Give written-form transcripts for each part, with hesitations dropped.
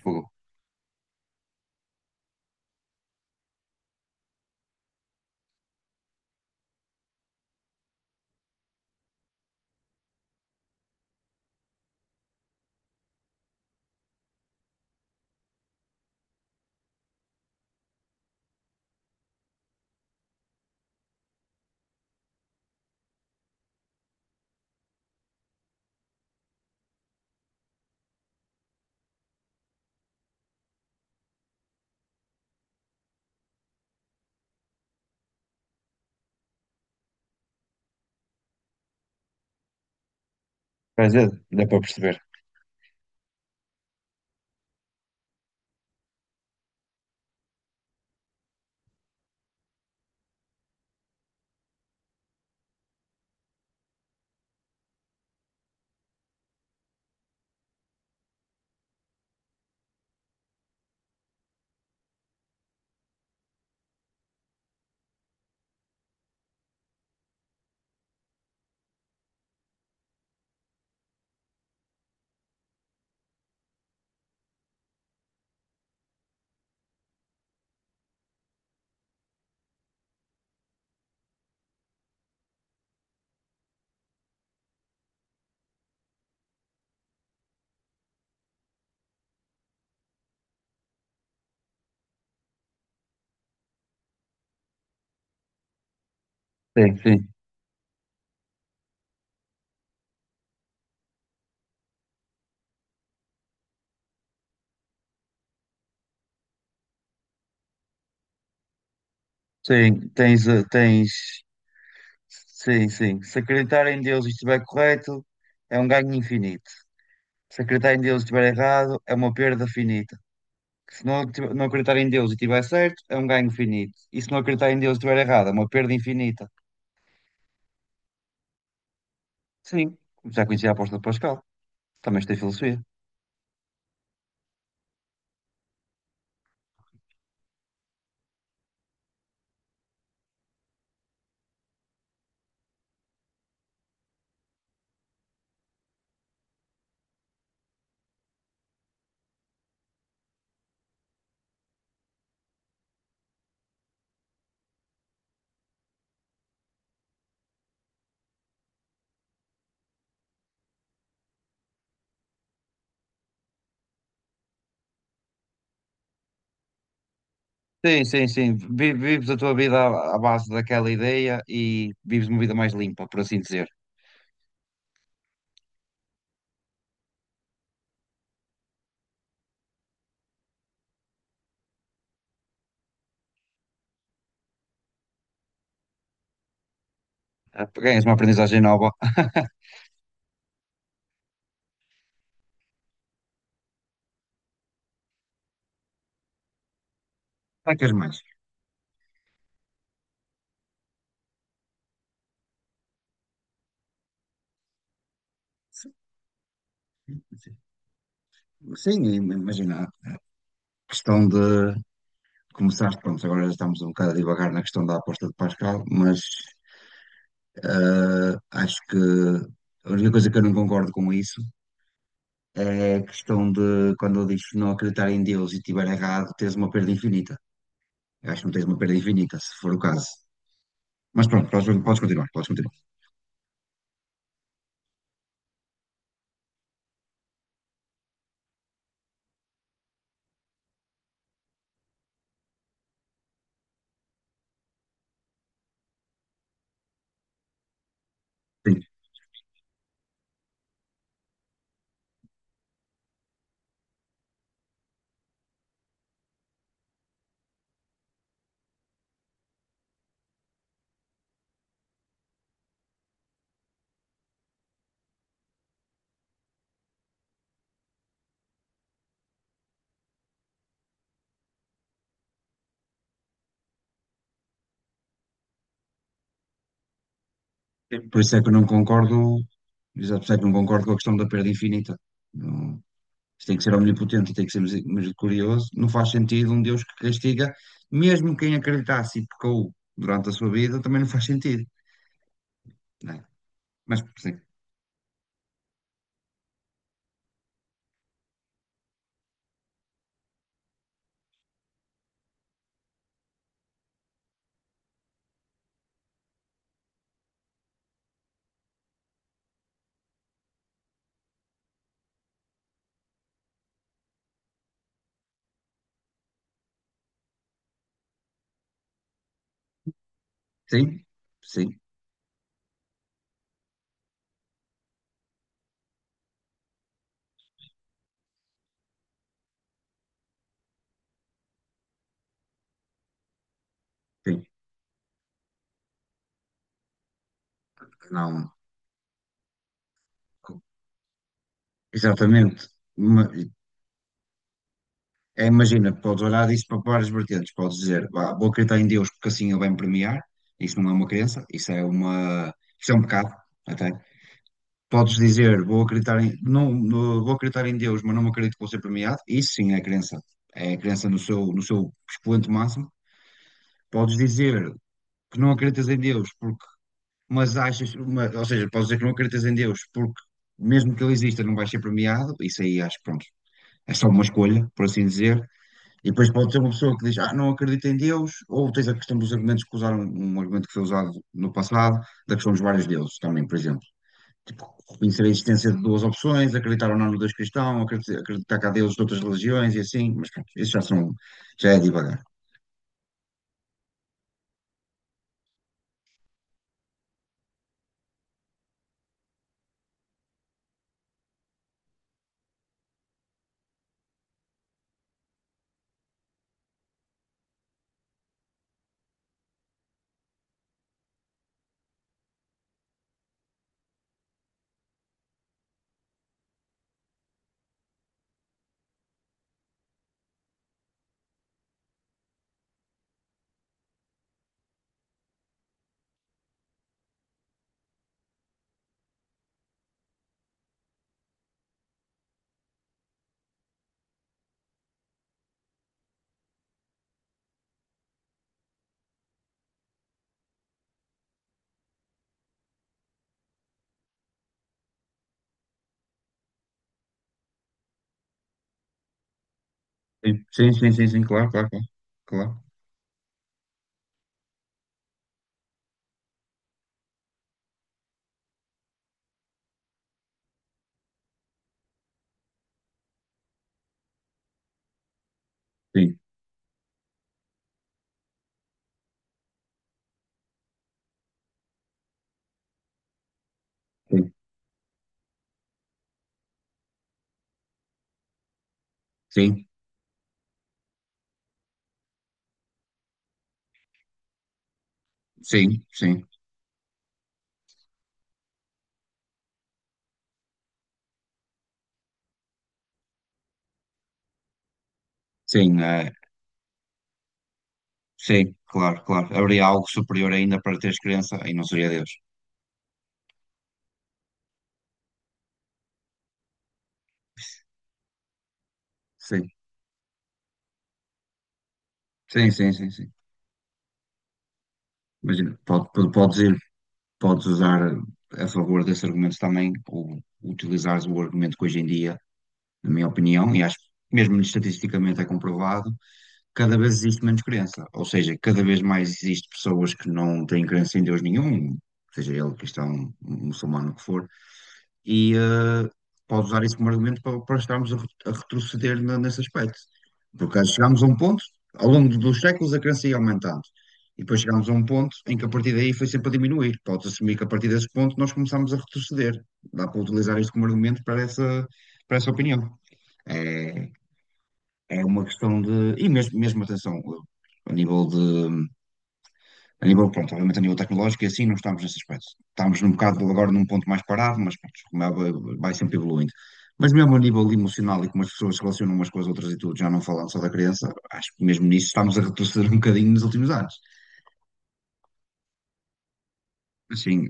Fogo. Quer dizer, dá para perceber. Sim, sim. Sim, tens. Sim, sim. Se acreditar em Deus e estiver correto, é um ganho infinito. Se acreditar em Deus e estiver errado, é uma perda finita. Se não, tiv- Não acreditar em Deus e estiver certo, é um ganho finito. E se não acreditar em Deus e estiver errado, é uma perda infinita. Sim, já conheci a aposta de Pascal. Também estudei filosofia. Sim, sim, sim. Vives a tua vida à base daquela ideia e vives uma vida mais limpa, por assim dizer. Ah, ganhas uma aprendizagem nova. Para que és mais? Sim, sim. Sim, e imagina, a questão de começar, pronto, agora já estamos um bocado a divagar na questão da aposta de Pascal, mas acho que a única coisa que eu não concordo com isso é a questão de quando ele diz não acreditar em Deus e estiver errado, tens uma perda infinita. Eu acho que não tens uma perda infinita, se for o caso. Mas pronto, podes continuar, podes continuar. Por isso é que eu não concordo, exato, por isso é que não concordo com a questão da perda infinita. Não, isto tem que ser omnipotente, tem que ser misericordioso. Não faz sentido um Deus que castiga, mesmo quem acreditasse e pecou durante a sua vida, também não faz sentido, não é? Mas sim, sim, sim, sim. Não, exatamente. Ma- É, imagina, podes olhar disso para várias vertentes, podes dizer, "Vá, vou acreditar em Deus porque assim ele vai me premiar." Isso não é uma crença, isso é um pecado. Até podes dizer, vou acreditar em Deus, mas não acredito que vou ser premiado. Isso sim é crença. É a crença no seu, no seu expoente máximo. Podes dizer que não acreditas em Deus, porque, mas achas, mas- ou seja, podes dizer que não acreditas em Deus, porque mesmo que ele exista, não vais ser premiado. Isso aí acho que pronto. É só uma escolha, por assim dizer. E depois pode ter uma pessoa que diz, ah, não acredito em Deus, ou tens a questão dos argumentos que usaram, um argumento que foi usado no passado, da questão dos vários deuses também, por exemplo, tipo, reconhecer a existência de duas opções, acreditar ou não no Deus cristão, acreditar que há deuses de outras religiões e assim, mas pronto, isso já são, já é divagar. Sim, sim, sim, sim, sim, claro, claro, claro, claro. Sim, sim, sim, sim, sim, sim, sim, claro, claro. Haveria algo superior ainda para teres crença e não seria Deus. Sim, sim, sim, sim, sim. Imagina, podes ir, podes usar a favor desse argumento também, ou utilizares o argumento que hoje em dia, na minha opinião, e acho que mesmo estatisticamente é comprovado, cada vez existe menos crença. Ou seja, cada vez mais existe pessoas que não têm crença em Deus nenhum, seja ele cristão, muçulmano, o que for, e pode usar isso como argumento para, para estarmos a, a retroceder nesse aspecto. Porque chegámos a um ponto, ao longo dos séculos, a crença ia aumentando. E depois chegámos a um ponto em que a partir daí foi sempre a diminuir. Podes assumir que a partir desse ponto nós começámos a retroceder. Dá para utilizar isto como argumento para essa opinião. É, é uma questão de. E mesmo, mesmo atenção, a nível de. A nível, pronto, obviamente a nível tecnológico e assim não estamos nesse aspecto. Estamos num bocado agora num ponto mais parado, mas pronto, como é, vai sempre evoluindo. Mas mesmo a nível emocional e como as pessoas se relacionam umas com as outras e tudo, já não falando só da criança, acho que mesmo nisso estamos a retroceder um bocadinho nos últimos anos. Assim,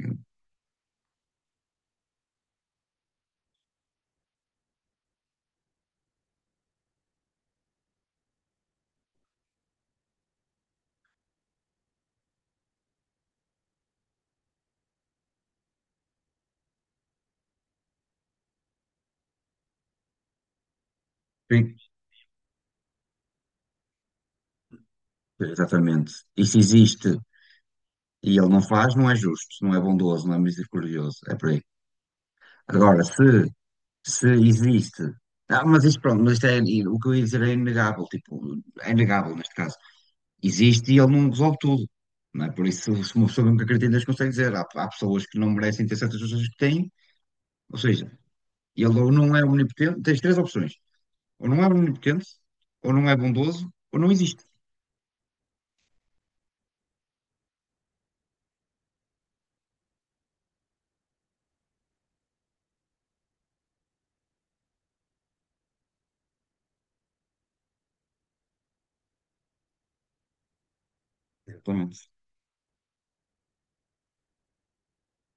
sim, exatamente. E se existe e ele não faz, não é justo, não é bondoso, não é misericordioso, é por aí. Agora, se existe. Não, mas isto, pronto, mas isto é, o que eu ia dizer é inegável, tipo, é inegável neste caso. Existe e ele não resolve tudo, não é? Por isso, se uma pessoa mesmo que acredita, eles conseguem dizer, há, há pessoas que não merecem ter certas coisas que têm, ou seja, ele ou não é onipotente, tens três opções, ou não é onipotente, ou não é bondoso, ou não existe, pelo menos.